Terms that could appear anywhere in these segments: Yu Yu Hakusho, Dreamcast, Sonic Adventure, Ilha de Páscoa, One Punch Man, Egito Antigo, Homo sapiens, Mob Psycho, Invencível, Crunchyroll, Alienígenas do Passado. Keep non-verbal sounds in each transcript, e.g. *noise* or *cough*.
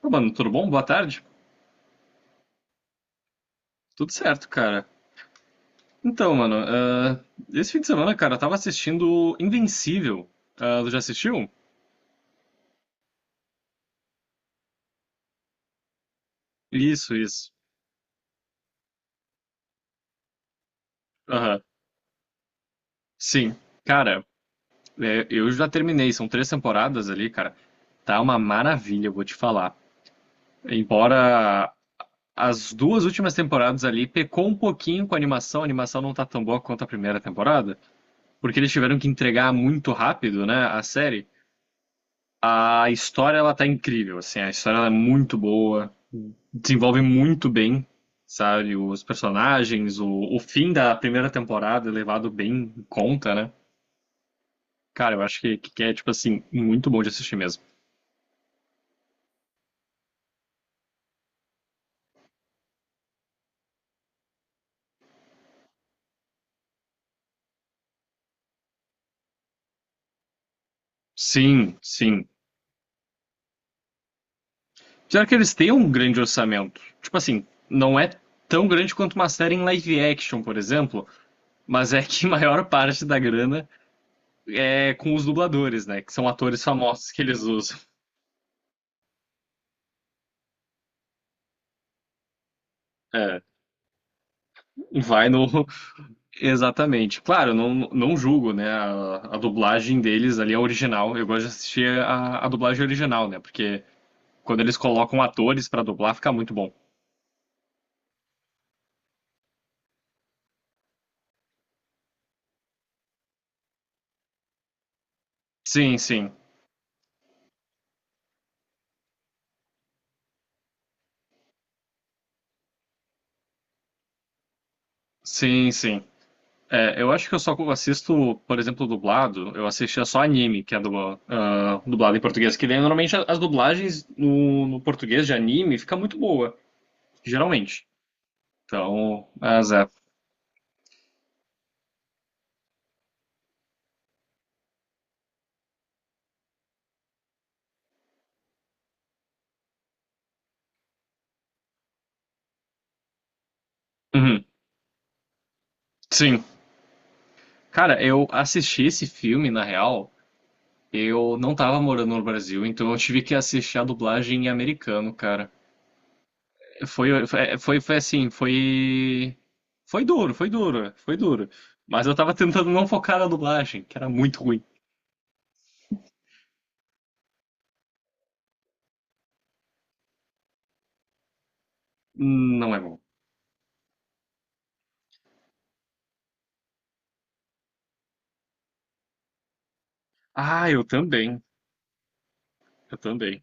Ô, mano, tudo bom? Boa tarde. Tudo certo, cara. Então, mano, esse fim de semana, cara, eu tava assistindo Invencível. Ah, tu já assistiu? Isso, isso. Aham. Sim. Cara, é, eu já terminei, são três temporadas ali, cara. Tá uma maravilha, eu vou te falar. Embora as duas últimas temporadas ali pecou um pouquinho com a animação não tá tão boa quanto a primeira temporada, porque eles tiveram que entregar muito rápido, né, a série. A história ela tá incrível, assim, a história ela é muito boa, desenvolve muito bem, sabe, os personagens, o fim da primeira temporada é levado bem em conta, né? Cara, eu acho que é, tipo assim, muito bom de assistir mesmo. Sim, sim. Já que eles têm um grande orçamento? Tipo assim, não é tão grande quanto uma série em live action, por exemplo, mas é que *laughs* a maior parte da grana é com os dubladores, né? Que são atores famosos que eles usam. É, vai no, exatamente. Claro, não, não julgo, né, a dublagem deles ali, é original. Eu gosto de assistir a dublagem original, né, porque quando eles colocam atores pra dublar, fica muito bom. Sim, sim. Sim, sim. É, eu acho que eu só assisto, por exemplo, dublado, eu assistia só anime, que é dublado em português, que daí normalmente as dublagens no português de anime fica muito boa, geralmente. Então, mas é. Uhum. Sim. Cara, eu assisti esse filme, na real, eu não tava morando no Brasil, então eu tive que assistir a dublagem em americano, cara. Foi assim, foi. Foi duro, foi duro, foi duro. Mas eu tava tentando não focar na dublagem, que era muito ruim. Não é bom. Ah, eu também. Eu também.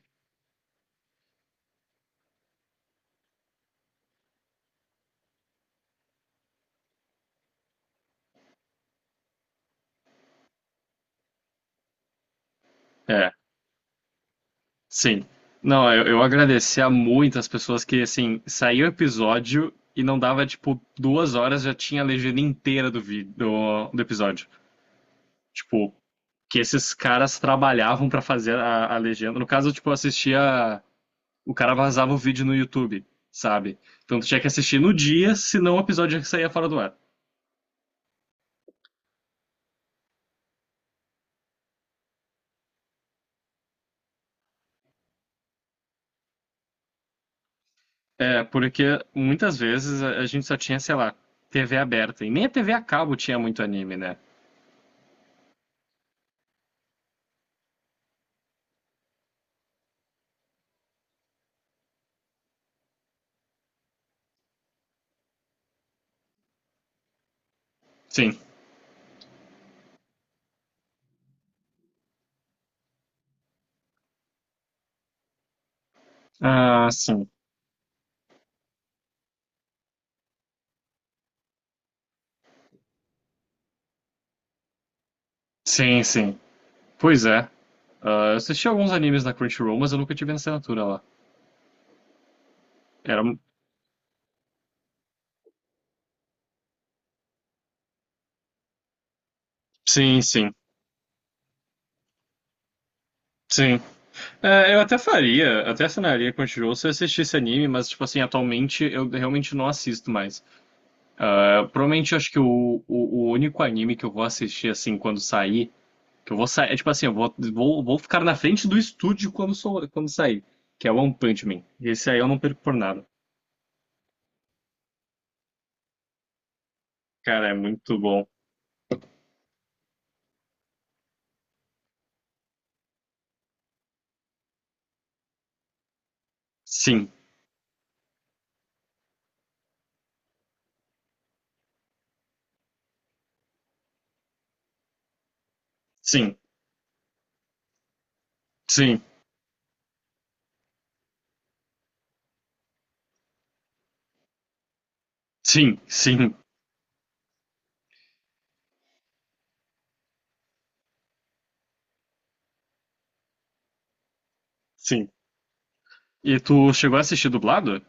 É, sim. Não, eu agradeci a muitas pessoas que, assim, saiu o episódio e não dava, tipo, 2 horas, já tinha a legenda inteira do vídeo, do episódio. Tipo, que esses caras trabalhavam pra fazer a legenda. No caso, tipo, eu assistia. O cara vazava o vídeo no YouTube, sabe? Então tu tinha que assistir no dia, senão o episódio já saía fora do ar. É, porque muitas vezes a gente só tinha, sei lá, TV aberta. E nem a TV a cabo tinha muito anime, né? Sim. Ah, sim. Sim, sim. Pois é. Ah, eu assisti alguns animes na Crunchyroll, mas eu nunca tive na assinatura lá. Era... Sim, sim. Sim. É, eu até faria, até assinaria com o Crunchyroll se eu assistisse anime, mas, tipo assim, atualmente eu realmente não assisto mais. Ah, provavelmente eu acho que o único anime que eu vou assistir, assim, quando sair, que eu vou sair, é tipo assim, eu vou ficar na frente do estúdio quando, sou, quando sair, que é One Punch Man. Esse aí eu não perco por nada. Cara, é muito bom. Sim, sim, sim, sim, sim, sim. E tu chegou a assistir dublado?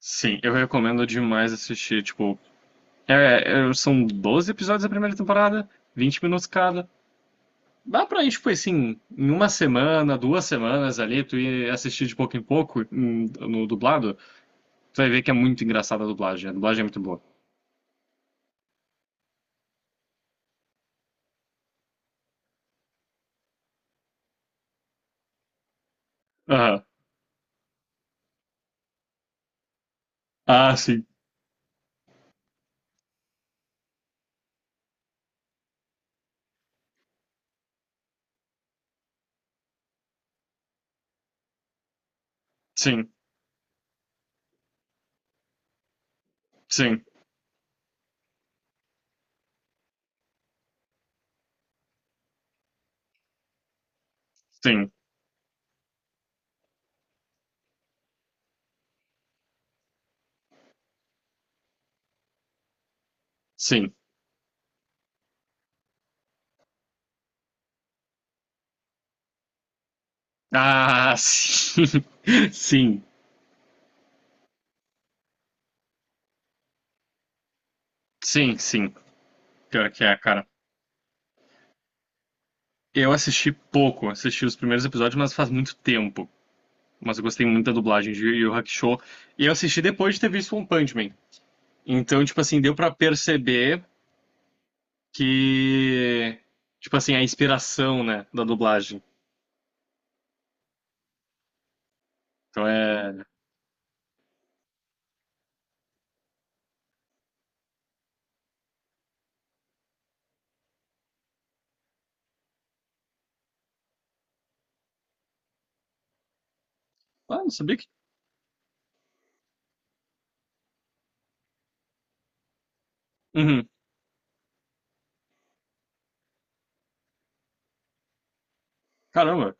Sim, eu recomendo demais assistir, tipo, é, é, são 12 episódios da primeira temporada, 20 minutos cada. Dá pra ir, tipo assim, em uma semana, duas semanas ali, tu ir assistir de pouco em pouco, no dublado, tu vai ver que é muito engraçada a dublagem. A dublagem é muito boa. Aham. Ah, sim. Sim. Sim. Sim. Sim. Ah, sim. *laughs* Sim. Sim, sim. Pior que é, cara. Eu assisti pouco, assisti os primeiros episódios, mas faz muito tempo. Mas eu gostei muito da dublagem de Yu Yu Hakusho. E eu assisti depois de ter visto One Punch Man. Então, tipo assim, deu pra perceber que, tipo assim, a inspiração, né, da dublagem. Então é. Ah, não sabia que. Uhum. Caramba.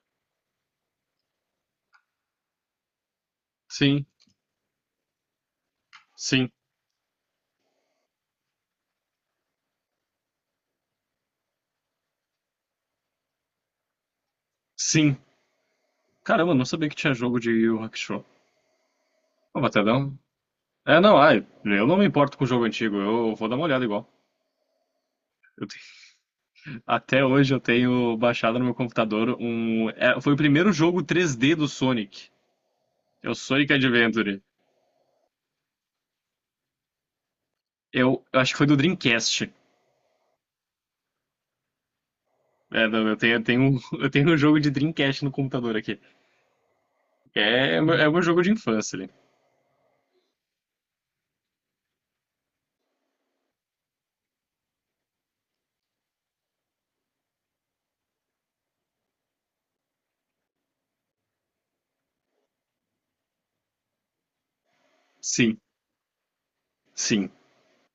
Sim, sim, sim. Caramba, não sabia que tinha jogo de Yu Yu Hakusho. Ah, vou até dar um. É, não, ai, eu não me importo com o jogo antigo, eu vou dar uma olhada igual. Eu te- até hoje eu tenho baixado no meu computador um. É, foi o primeiro jogo 3D do Sonic. É o Sonic Adventure. Eu acho que foi do Dreamcast. É, não, *laughs* eu tenho um jogo de Dreamcast no computador aqui. É, é meu jogo de infância ali. Sim, sim,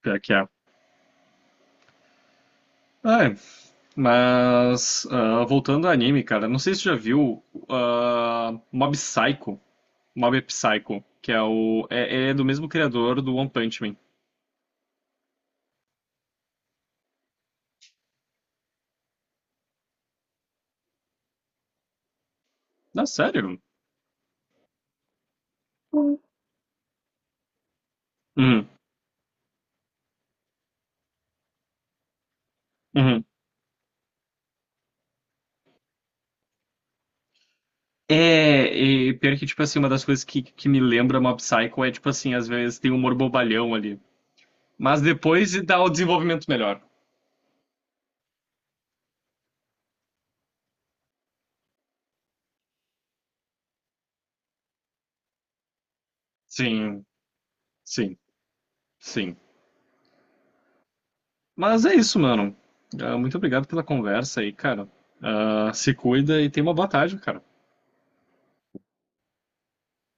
pior que é. Ah, é. Mas voltando ao anime, cara, não sei se você já viu Mob Psycho, Mob Psycho, que é o é, é do mesmo criador do One Punch Man. Não, sério? Uhum, uhum. É, e pior que, tipo assim, uma das coisas que me lembra Mob Psycho é, tipo assim, às vezes tem humor bobalhão ali. Mas depois dá o desenvolvimento melhor. Sim, sim. Sim. Mas é isso, mano. Ah, muito obrigado pela conversa aí, cara. Ah, se cuida e tenha uma boa tarde, cara.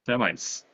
Até mais.